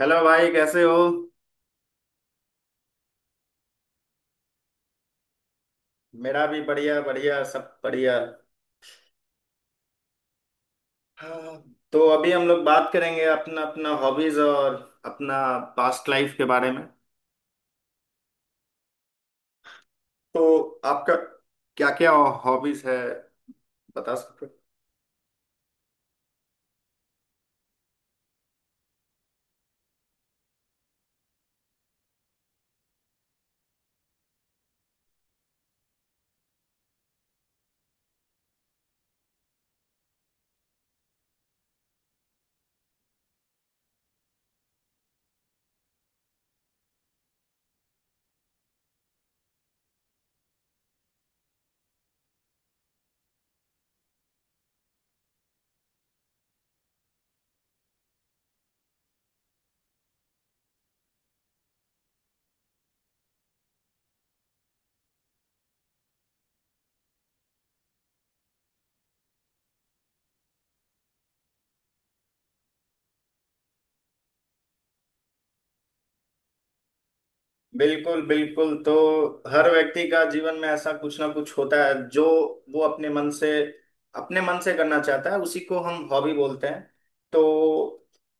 Hello भाई कैसे हो। मेरा भी बढ़िया बढ़िया, सब बढ़िया। हाँ, तो अभी हम लोग बात करेंगे अपना अपना हॉबीज और अपना पास्ट लाइफ के बारे में। तो आपका क्या क्या हॉबीज है, बता सकते हो। बिल्कुल बिल्कुल, तो हर व्यक्ति का जीवन में ऐसा कुछ ना कुछ होता है जो वो अपने मन से करना चाहता है, उसी को हम हॉबी बोलते हैं। तो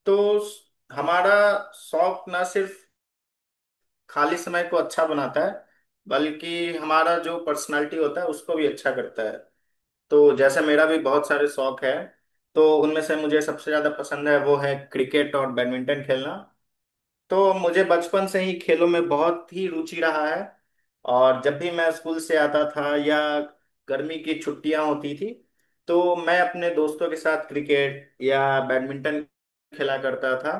तो हमारा शौक ना सिर्फ खाली समय को अच्छा बनाता है, बल्कि हमारा जो पर्सनालिटी होता है उसको भी अच्छा करता है। तो जैसे मेरा भी बहुत सारे शौक है, तो उनमें से मुझे सबसे ज्यादा पसंद है वो है क्रिकेट और बैडमिंटन खेलना। तो मुझे बचपन से ही खेलों में बहुत ही रुचि रहा है, और जब भी मैं स्कूल से आता था या गर्मी की छुट्टियां होती थी, तो मैं अपने दोस्तों के साथ क्रिकेट या बैडमिंटन खेला करता था।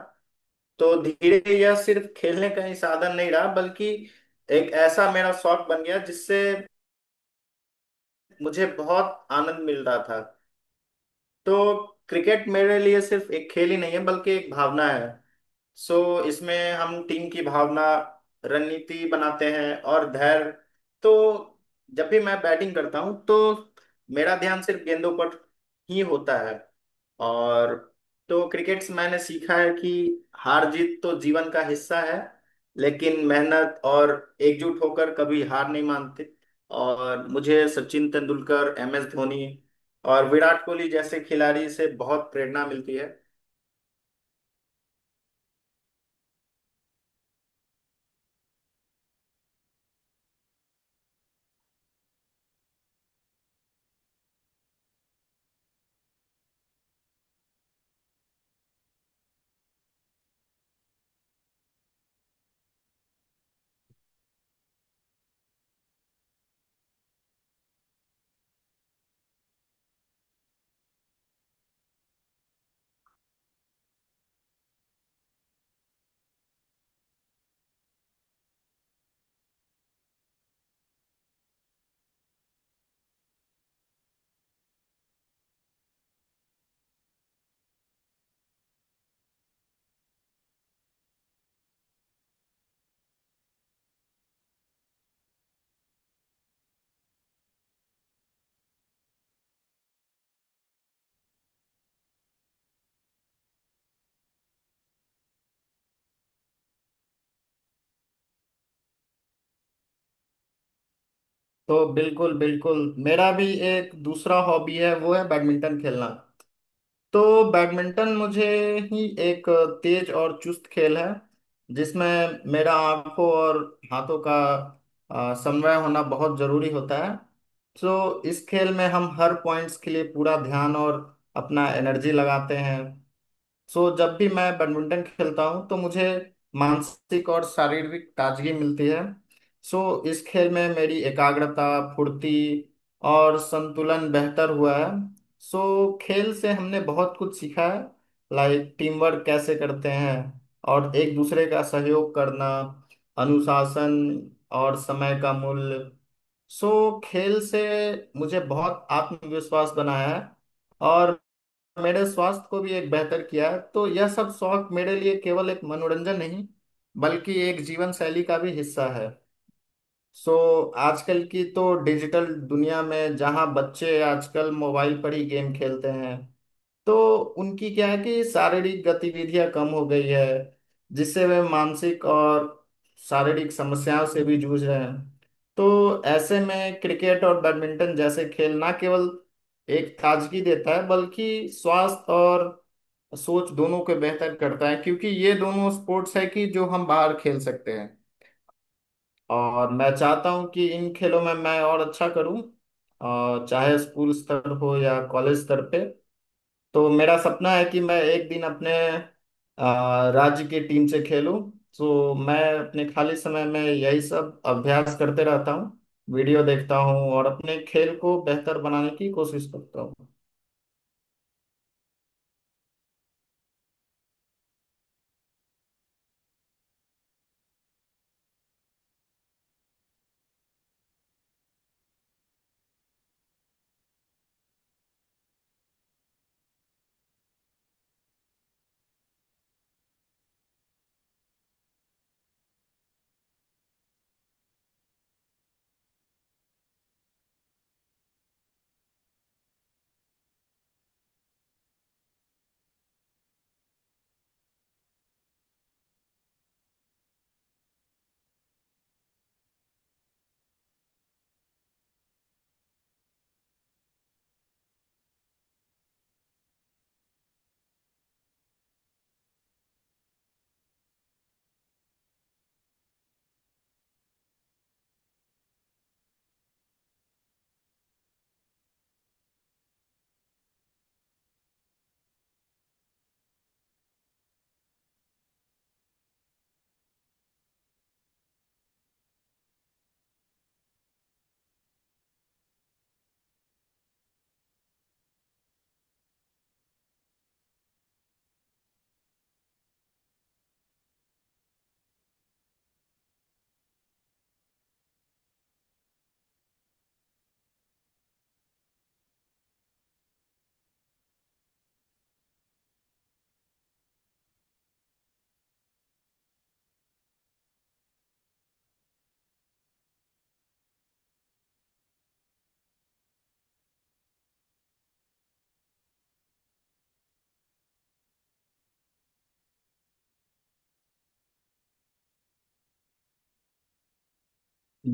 तो धीरे धीरे यह सिर्फ खेलने का ही साधन नहीं रहा, बल्कि एक ऐसा मेरा शौक बन गया जिससे मुझे बहुत आनंद मिल रहा था। तो क्रिकेट मेरे लिए सिर्फ एक खेल ही नहीं है, बल्कि एक भावना है। सो इसमें हम टीम की भावना, रणनीति बनाते हैं और धैर्य। तो जब भी मैं बैटिंग करता हूँ तो मेरा ध्यान सिर्फ गेंदों पर ही होता है। और तो क्रिकेट से मैंने सीखा है कि हार जीत तो जीवन का हिस्सा है, लेकिन मेहनत और एकजुट होकर कभी हार नहीं मानते। और मुझे सचिन तेंदुलकर, MS धोनी और विराट कोहली जैसे खिलाड़ी से बहुत प्रेरणा मिलती है। तो बिल्कुल बिल्कुल, मेरा भी एक दूसरा हॉबी है, वो है बैडमिंटन खेलना। तो बैडमिंटन मुझे ही एक तेज और चुस्त खेल है, जिसमें मेरा आंखों और हाथों का समन्वय होना बहुत जरूरी होता है। तो इस खेल में हम हर पॉइंट्स के लिए पूरा ध्यान और अपना एनर्जी लगाते हैं। सो जब भी मैं बैडमिंटन खेलता हूँ तो मुझे मानसिक और शारीरिक ताजगी मिलती है। सो इस खेल में मेरी एकाग्रता, फुर्ती और संतुलन बेहतर हुआ है। सो खेल से हमने बहुत कुछ सीखा है, लाइक टीम वर्क कैसे करते हैं और एक दूसरे का सहयोग करना, अनुशासन और समय का मूल्य। सो खेल से मुझे बहुत आत्मविश्वास बनाया है, और मेरे स्वास्थ्य को भी एक बेहतर किया है। तो यह सब शौक मेरे लिए केवल एक मनोरंजन नहीं, बल्कि एक जीवन शैली का भी हिस्सा है। सो आजकल की तो डिजिटल दुनिया में जहाँ बच्चे आजकल मोबाइल पर ही गेम खेलते हैं, तो उनकी क्या है कि शारीरिक गतिविधियाँ कम हो गई है, जिससे वे मानसिक और शारीरिक समस्याओं से भी जूझ रहे हैं। तो ऐसे में क्रिकेट और बैडमिंटन जैसे खेल ना केवल एक ताजगी देता है, बल्कि स्वास्थ्य और सोच दोनों को बेहतर करता है, क्योंकि ये दोनों स्पोर्ट्स है कि जो हम बाहर खेल सकते हैं। और मैं चाहता हूँ कि इन खेलों में मैं और अच्छा करूँ, और चाहे स्कूल स्तर हो या कॉलेज स्तर पे। तो मेरा सपना है कि मैं एक दिन अपने राज्य की टीम से खेलूं। तो मैं अपने खाली समय में यही सब अभ्यास करते रहता हूँ, वीडियो देखता हूँ और अपने खेल को बेहतर बनाने की कोशिश करता हूँ।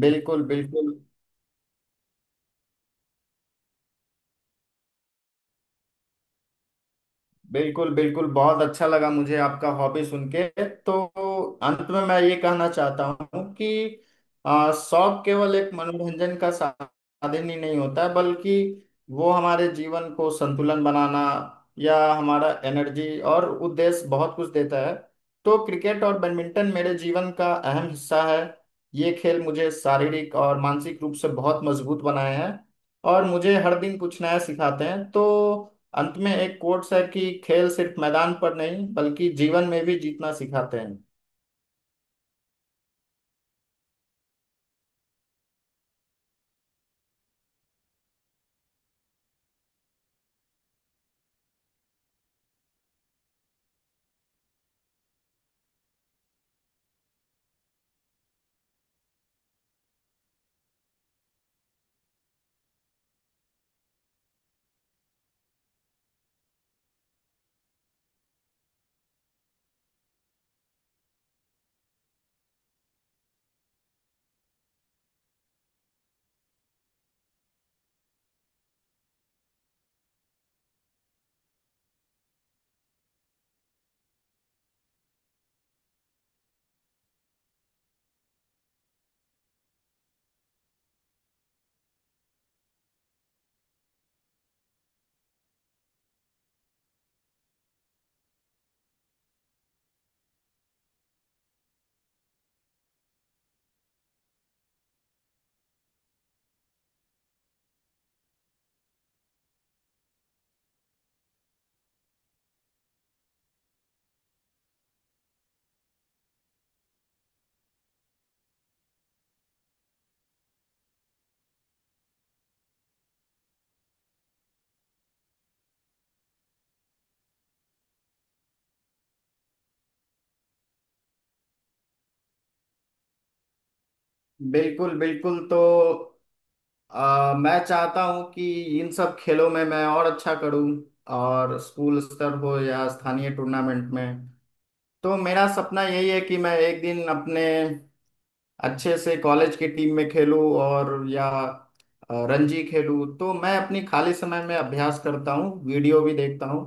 बिल्कुल बिल्कुल। बिल्कुल बिल्कुल, बहुत अच्छा लगा मुझे आपका हॉबी सुन के। तो अंत में मैं ये कहना चाहता हूँ कि शौक केवल एक मनोरंजन का साधन ही नहीं होता है, बल्कि वो हमारे जीवन को संतुलन बनाना या हमारा एनर्जी और उद्देश्य, बहुत कुछ देता है। तो क्रिकेट और बैडमिंटन मेरे जीवन का अहम हिस्सा है। ये खेल मुझे शारीरिक और मानसिक रूप से बहुत मजबूत बनाए हैं, और मुझे हर दिन कुछ नया सिखाते हैं। तो अंत में एक कोट्स है कि खेल सिर्फ मैदान पर नहीं बल्कि जीवन में भी जीतना सिखाते हैं। बिल्कुल बिल्कुल, तो मैं चाहता हूँ कि इन सब खेलों में मैं और अच्छा करूँ, और स्कूल स्तर हो या स्थानीय टूर्नामेंट में। तो मेरा सपना यही है कि मैं एक दिन अपने अच्छे से कॉलेज की टीम में खेलूं, और या रणजी खेलूं। तो मैं अपनी खाली समय में अभ्यास करता हूँ, वीडियो भी देखता हूँ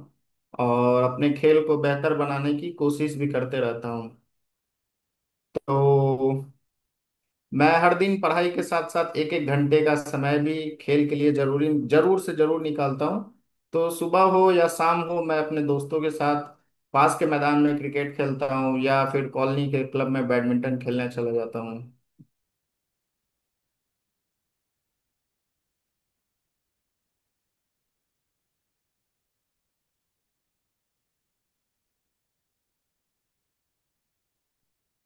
और अपने खेल को बेहतर बनाने की कोशिश भी करते रहता हूँ। तो मैं हर दिन पढ़ाई के साथ साथ एक एक घंटे का समय भी खेल के लिए जरूरी जरूर से जरूर निकालता हूँ। तो सुबह हो या शाम हो, मैं अपने दोस्तों के साथ पास के मैदान में क्रिकेट खेलता हूँ या फिर कॉलोनी के क्लब में बैडमिंटन खेलने चला जाता हूँ।